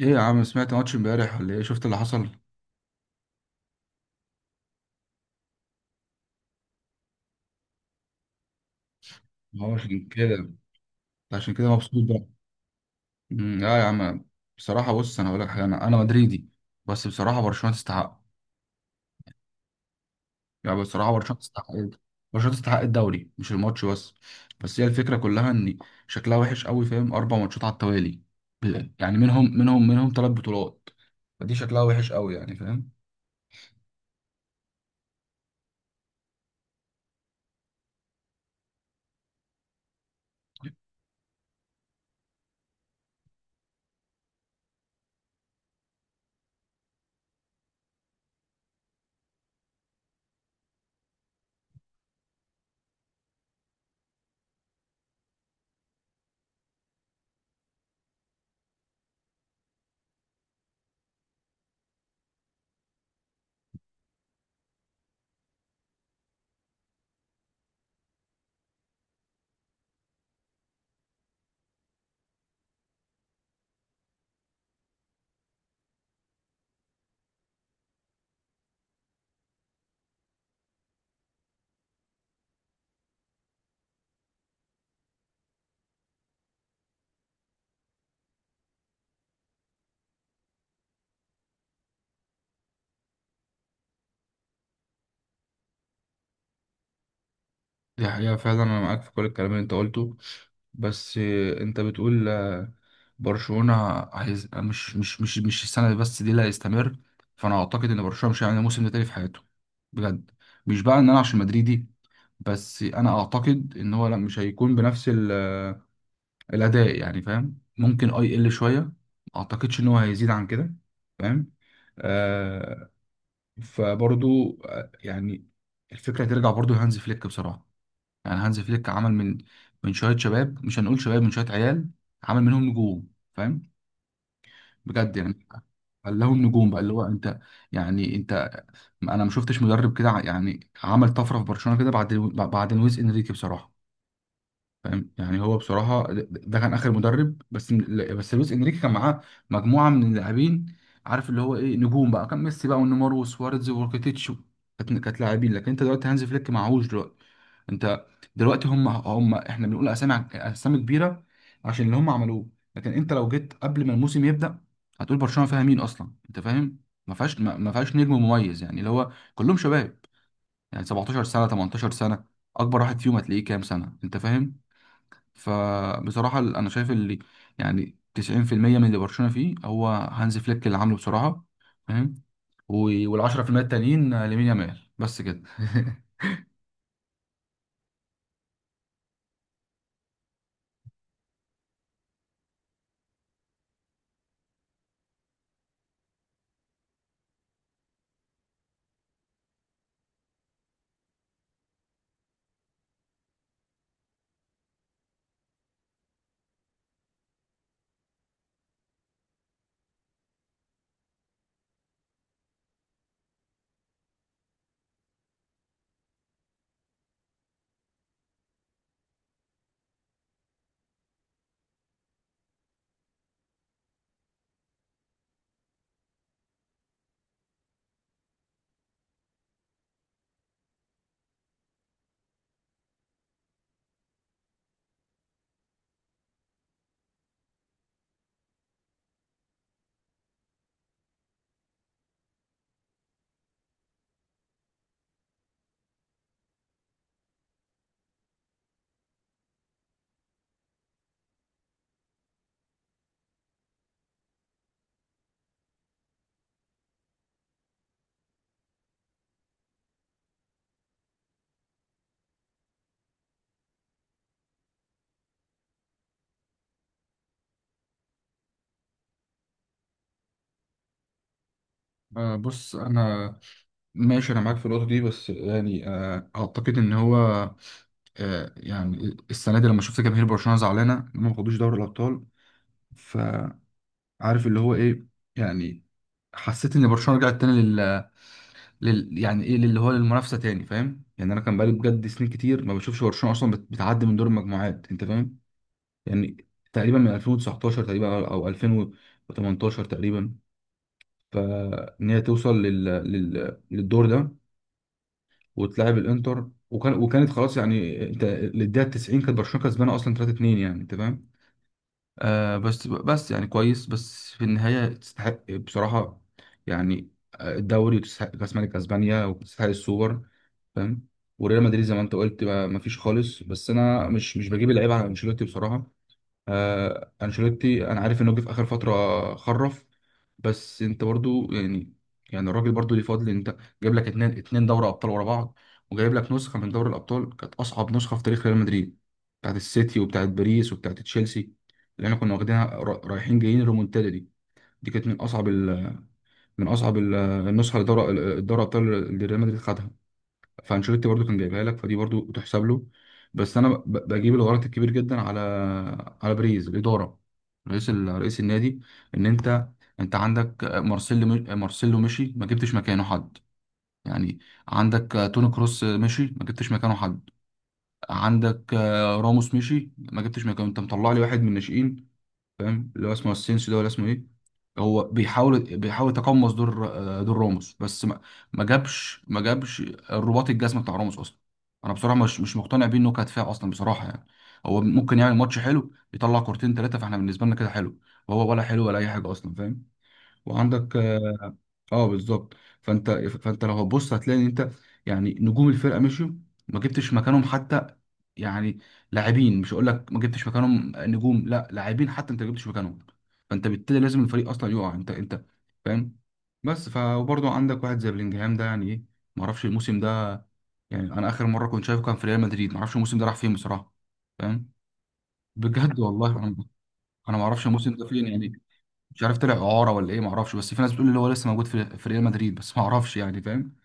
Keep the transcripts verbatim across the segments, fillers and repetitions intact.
ايه يا عم، سمعت ماتش امبارح ولا ايه؟ شفت اللي حصل؟ هو عشان كده؟ عشان كده مبسوط بقى؟ امم، اه يا عم، بصراحه بص، انا هقول لك حاجه، انا انا مدريدي، بس بصراحه برشلونه تستحق، يعني بصراحه برشلونه تستحق، ايه ده؟ برشلونه تستحق الدوري، مش الماتش بس، بس هي الفكره كلها ان شكلها وحش قوي، فاهم؟ اربع ماتشات على التوالي، ب- يعني منهم منهم منهم ثلاث بطولات، فدي شكلها وحش قوي يعني، فاهم؟ دي حقيقة فعلا، أنا معاك في كل الكلام اللي أنت قلته، بس آه، أنت بتقول، آه، برشلونة هيز... مش مش مش مش السنة دي بس، دي اللي هيستمر، فأنا أعتقد إن برشلونة مش هيعمل موسم ده تاني في حياته، بجد، مش بقى إن أنا عشان مدريدي، بس أنا أعتقد إن هو لا، مش هيكون بنفس ال... آه، الأداء يعني، فاهم؟ ممكن أه يقل شوية، ما أعتقدش إن هو هيزيد عن كده، فاهم؟ آه فبرضو، آه، يعني الفكرة ترجع برضو لهانز فليك بصراحة، يعني هانز فليك عمل من من شويه شباب، مش هنقول شباب، من شويه عيال، عمل منهم نجوم، فاهم؟ بجد يعني خلاهم نجوم بقى، اللي هو انت يعني انت، انا ما شفتش مدرب كده ع- يعني عمل طفره في برشلونه كده بعد بعد لويس انريكي بصراحه، فاهم؟ يعني هو بصراحه، ده ده كان اخر مدرب، بس بس لويس انريكي كان معاه مجموعه من اللاعبين، عارف اللي هو ايه، نجوم بقى، كان ميسي بقى ونيمار وسواريز وروكيتيتش، كانت كانت لاعبين، لكن انت دلوقتي هانز فليك معهوش دلوقتي، انت دلوقتي، هم هم احنا بنقول اسامي عن- اسامي كبيره عشان اللي هم عملوه، لكن انت لو جيت قبل ما الموسم يبدا، هتقول برشلونه فيها مين اصلا، انت فاهم؟ ما فيهاش، ما ما فيهاش نجم مميز، يعني اللي هو كلهم شباب، يعني سبعتاشر سنة سنه، تمنتاشر سنة سنه، اكبر واحد فيهم هتلاقيه كام سنه، انت فاهم؟ فبصراحة ال- أنا شايف اللي يعني تسعين في المية من اللي برشلونة فيه هو هانز فليك اللي عامله بصراحة، فاهم؟ و- وال10% التانيين، آه، لامين يامال بس كده. آه، بص، أنا ماشي، أنا معاك في النقطة دي، بس يعني، آه، أعتقد إن هو، آه، يعني السنة دي لما شفت جماهير برشلونة زعلانة إن هم ما خدوش دوري الأبطال، فعارف اللي هو إيه يعني، حسيت إن برشلونة رجعت تاني لل... يعني ايه، اللي هو للمنافسه تاني، فاهم يعني؟ انا كان بقالي بجد سنين كتير ما بشوفش برشلونه اصلا بت- بتعدي من دور المجموعات، انت فاهم؟ يعني تقريبا من ألفين وتسعتاشر تقريبا، او أو ألفين وتمنتاشر تقريبا، فان هي توصل لل... لل... للدور ده وتلاعب الانتر، وكان وكانت خلاص يعني، انت للدقيقه تسعين كانت برشلونه كسبانه اصلا تلاتة اتنين، يعني انت فاهم؟ آه بس بس يعني كويس، بس في النهايه تستحق بصراحه، يعني آه، الدوري وتستحق كاس ملك اسبانيا وتستحق السوبر، فاهم؟ وريال مدريد زي ما انت قلت، ما ما فيش خالص، بس انا مش مش بجيب العيب على انشيلوتي بصراحه، آه انشيلوتي انا عارف انه جه في اخر فتره خرف، بس انت برضو يعني، يعني الراجل برضو ليه فضل، انت جايب لك اتنين اتنين دوري ابطال ورا بعض، وجايب لك نسخه من دوري الابطال كانت اصعب نسخه في تاريخ ريال مدريد، بتاعت السيتي وبتاعت باريس وبتاعت تشيلسي، اللي احنا كنا واخدينها را- رايحين جايين، الريمونتادا دي، دي كانت من اصعب ال- من اصعب ال- النسخه لدوري الدوري الابطال اللي ريال مدريد خدها، فانشيلوتي برضو كان جايبها لك، فدي برضو تحسب له، بس انا ب- بجيب الغلط الكبير جدا على على بريز الاداره، رئيس ال- رئيس النادي، ان انت، انت عندك مارسيلو، م- مارسيلو مشي، ما جبتش مكانه حد، يعني عندك توني كروس مشي، ما جبتش مكانه حد، عندك راموس مشي، ما جبتش مكانه، انت مطلع لي واحد من الناشئين، فاهم اللي هو اسمه السينسيو ده ولا اسمه ايه، هو بيحاول بيحاول يتقمص دور، آه، دور راموس، بس ما ما جابش ما جابش الرباط الجزم بتاع راموس اصلا، انا بصراحه مش مش مقتنع بيه انه كدفاع اصلا بصراحه يعني، هو ممكن يعمل ماتش حلو، يطلع كورتين ثلاثه، فاحنا بالنسبه لنا كده حلو، وهو ولا حلو ولا اي حاجه اصلا، فاهم؟ وعندك اه، آه، بالظبط، فانت فانت لو هتبص هتلاقي ان انت، يعني نجوم الفرقه مشيوا، ما جبتش مكانهم حتى، يعني لاعبين، مش هقول لك ما جبتش مكانهم نجوم، لا، لاعبين حتى انت ما جبتش مكانهم، فانت بالتالي لازم الفريق اصلا يقع، انت انت فاهم؟ بس فبرضه عندك واحد زي بلينجهام ده، يعني ايه، ما اعرفش الموسم ده، يعني انا اخر مره كنت شايفه كان في ريال مدريد، ما اعرفش الموسم ده راح فين بصراحه، فاهم؟ بجد والله، انا انا ما اعرفش الموسم ده فين يعني، مش عارف طلع اعاره ولا ايه، ما اعرفش، بس في ناس بتقول اللي هو لسه موجود في في ريال مدريد، بس ما اعرفش يعني، فاهم؟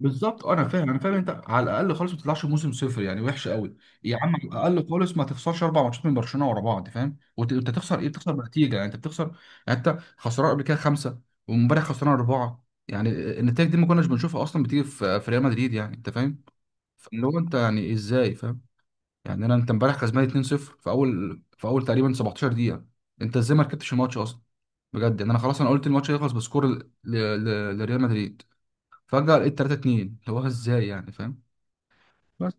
بالظبط، آه، انا فاهم، انا فاهم، انت على الاقل خالص ما تطلعش موسم صفر يعني، وحش قوي، يا عم على الاقل خالص ما تخسرش اربع ماتشات من برشلونه ورا بعض، فاهم؟ وانت، أنت تخسر ايه، بتخسر بنتيجه يعني، انت بتخسر، يعني انت خسران قبل كده خمسه، وامبارح خسران اربعه يعني، النتائج دي ما كناش بنشوفها اصلا بتيجي في في ريال مدريد، يعني انت فاهم؟ اللي هو انت يعني ازاي، فاهم؟ يعني انا، انت امبارح كسبان اتنين صفر في اول، في اول تقريبا سبعتاشر دقيقة دقيقه، انت ازاي ما ركبتش الماتش اصلا، بجد يعني، انا خلاص انا قلت الماتش هيخلص بسكور ل... ل... لريال مدريد، فجاه لقيت تلاتة اتنين، هو ازاي يعني؟ فاهم؟ بس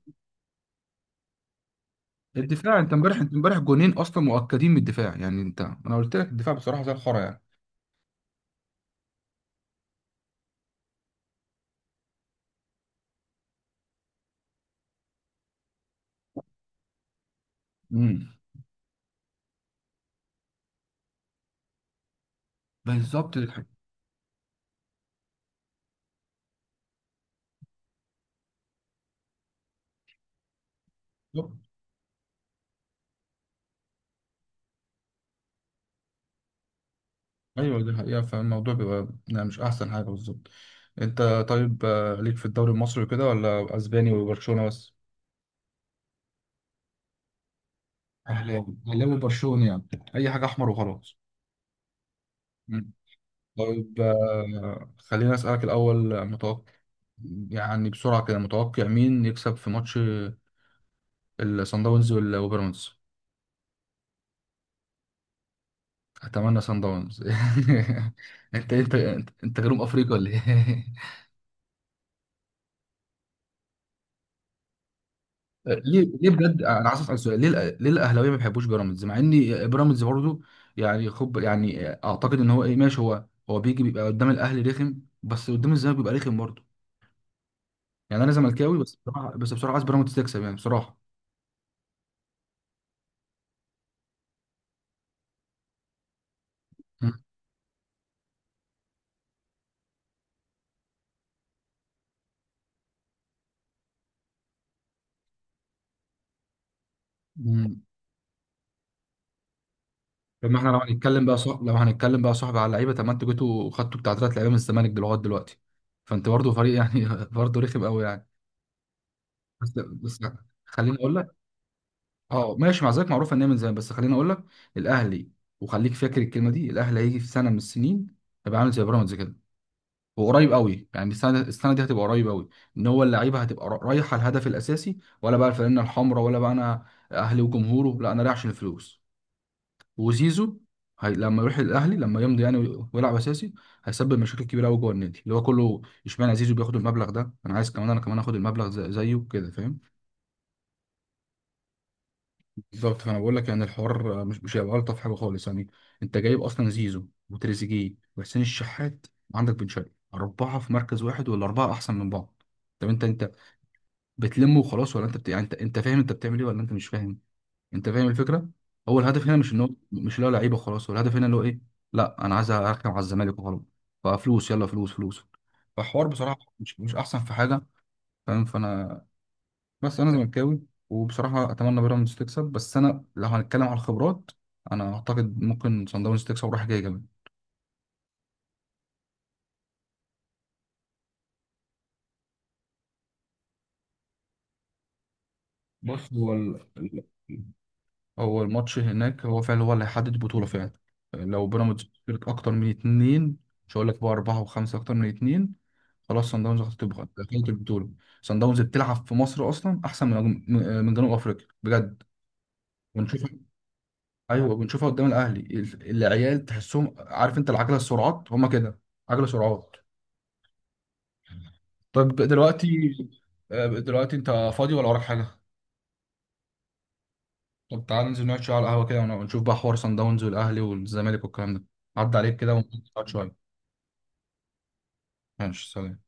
الدفاع، انت امبارح، انت امبارح جونين اصلا مؤكدين من الدفاع يعني، انت انا قلت لك الدفاع بصراحه زي الخرا يعني، امم بالظبط دي حقيقة. بالظبط، ايوه دي حقيقه، فالموضوع بيبقى يعني مش احسن حاجه بالظبط، انت طيب آه، ليك في الدوري المصري وكده، ولا اسباني وبرشلونه بس؟ اهلاوي اهلاوي برشلوني يعني، اي حاجه احمر وخلاص. مم. طيب آه، خليني اسالك الاول، آه، متوقع يعني بسرعه كده، متوقع مين يكسب في ماتش الصن داونز وال- وبيراميدز؟ اتمنى صن داونز. انت انت انت أنت جنوب افريقيا ولا ايه؟ ليه؟ ليه بجد، انا عايز اسال سؤال، ليه الأ- ليه الاهلاويه ما بيحبوش بيراميدز، مع ان بيراميدز برضه يعني، خب يعني اعتقد ان هو ايه، ماشي، هو هو بيجي بيبقى قدام الاهلي رخم، بس قدام الزمالك بيبقى رخم برضه، يعني انا زملكاوي، بس بصراحه، بس بصراحه عايز بيراميدز تكسب يعني بصراحه. مم. مم. طب ما احنا لو هنتكلم بقى صح، لو هنتكلم بقى صاحب على اللعيبه، طب ما انتوا جيتوا خدتوا بتاع ثلاث لعيبه من الزمالك دل- لغايه دلوقتي، فانت برضه فريق يعني برضه رخم قوي يعني، بس بس خليني اقول لك، اه ماشي مع ذلك، معروف ان هي من زمان، بس خليني اقول لك، الاهلي، وخليك فاكر الكلمه دي، الاهلي هيجي في سنه من السنين هيبقى عامل زي بيراميدز كده، وقريب قوي يعني، السنه السنه دي هتبقى قريب قوي، ان هو اللعيبه هتبقى را- رايحه الهدف الاساسي، ولا بقى الفانله الحمراء، ولا بقى انا اهلي وجمهوره، لا انا رايح عشان الفلوس، وزيزو هي لما يروح الاهلي لما يمضي يعني وي- ويلعب اساسي، هيسبب مشاكل كبيره قوي جوه النادي، اللي هو كله اشمعنى زيزو بياخد المبلغ ده، انا عايز كمان، انا كمان اخد المبلغ زي- زيه كده، فاهم؟ بالظبط، فانا بقول لك يعني، الحوار مش مش هيبقى الطف حاجه خالص يعني، انت جايب اصلا زيزو وتريزيجيه وحسين الشحات وعندك بن شرقي، اربعه في مركز واحد، ولا اربعه احسن من بعض، طب انت، انت بتلمه وخلاص، ولا انت بت... يعني انت، انت فاهم انت بتعمل ايه، ولا انت مش فاهم؟ انت فاهم الفكره، هو الهدف هنا مش ان هو، مش اللي هو لعيبه وخلاص، هو الهدف هنا اللي هو ايه، لا انا عايز اركب على الزمالك وخلاص، ففلوس يلا فلوس فلوس، فحوار بصراحه مش مش احسن في حاجه، فاهم؟ فانا، بس انا زملكاوي وبصراحه اتمنى بيراميدز تكسب، بس انا لو هنتكلم على الخبرات، انا اعتقد ممكن صن داونز تكسب رايح جاي كمان، بص هو ال- ال- هو الماتش هناك، هو فعلا هو اللي هيحدد البطولة فعلا، لو بيراميدز خسرت أكتر من اتنين، مش هقول لك بقى أربعة وخمسة، أكتر من اتنين، خلاص صن داونز هتبقى دخلت البطولة، صن داونز بتلعب في مصر أصلا أحسن من من جنوب أفريقيا بجد، ونشوفها، أيوه بنشوفها قدام الأهلي، ال- العيال تحسهم، عارف أنت، العجلة، السرعات هما كده، عجلة سرعات، طيب دلوقتي، آه، دلوقتي أنت فاضي ولا وراك حاجة؟ طب تعال ننزل نقعد شوية على القهوة كده، ونشوف بقى حوار صن داونز والأهلي والزمالك والكلام ده، عدى عليك كده ونقعد شوية، ماشي سلام.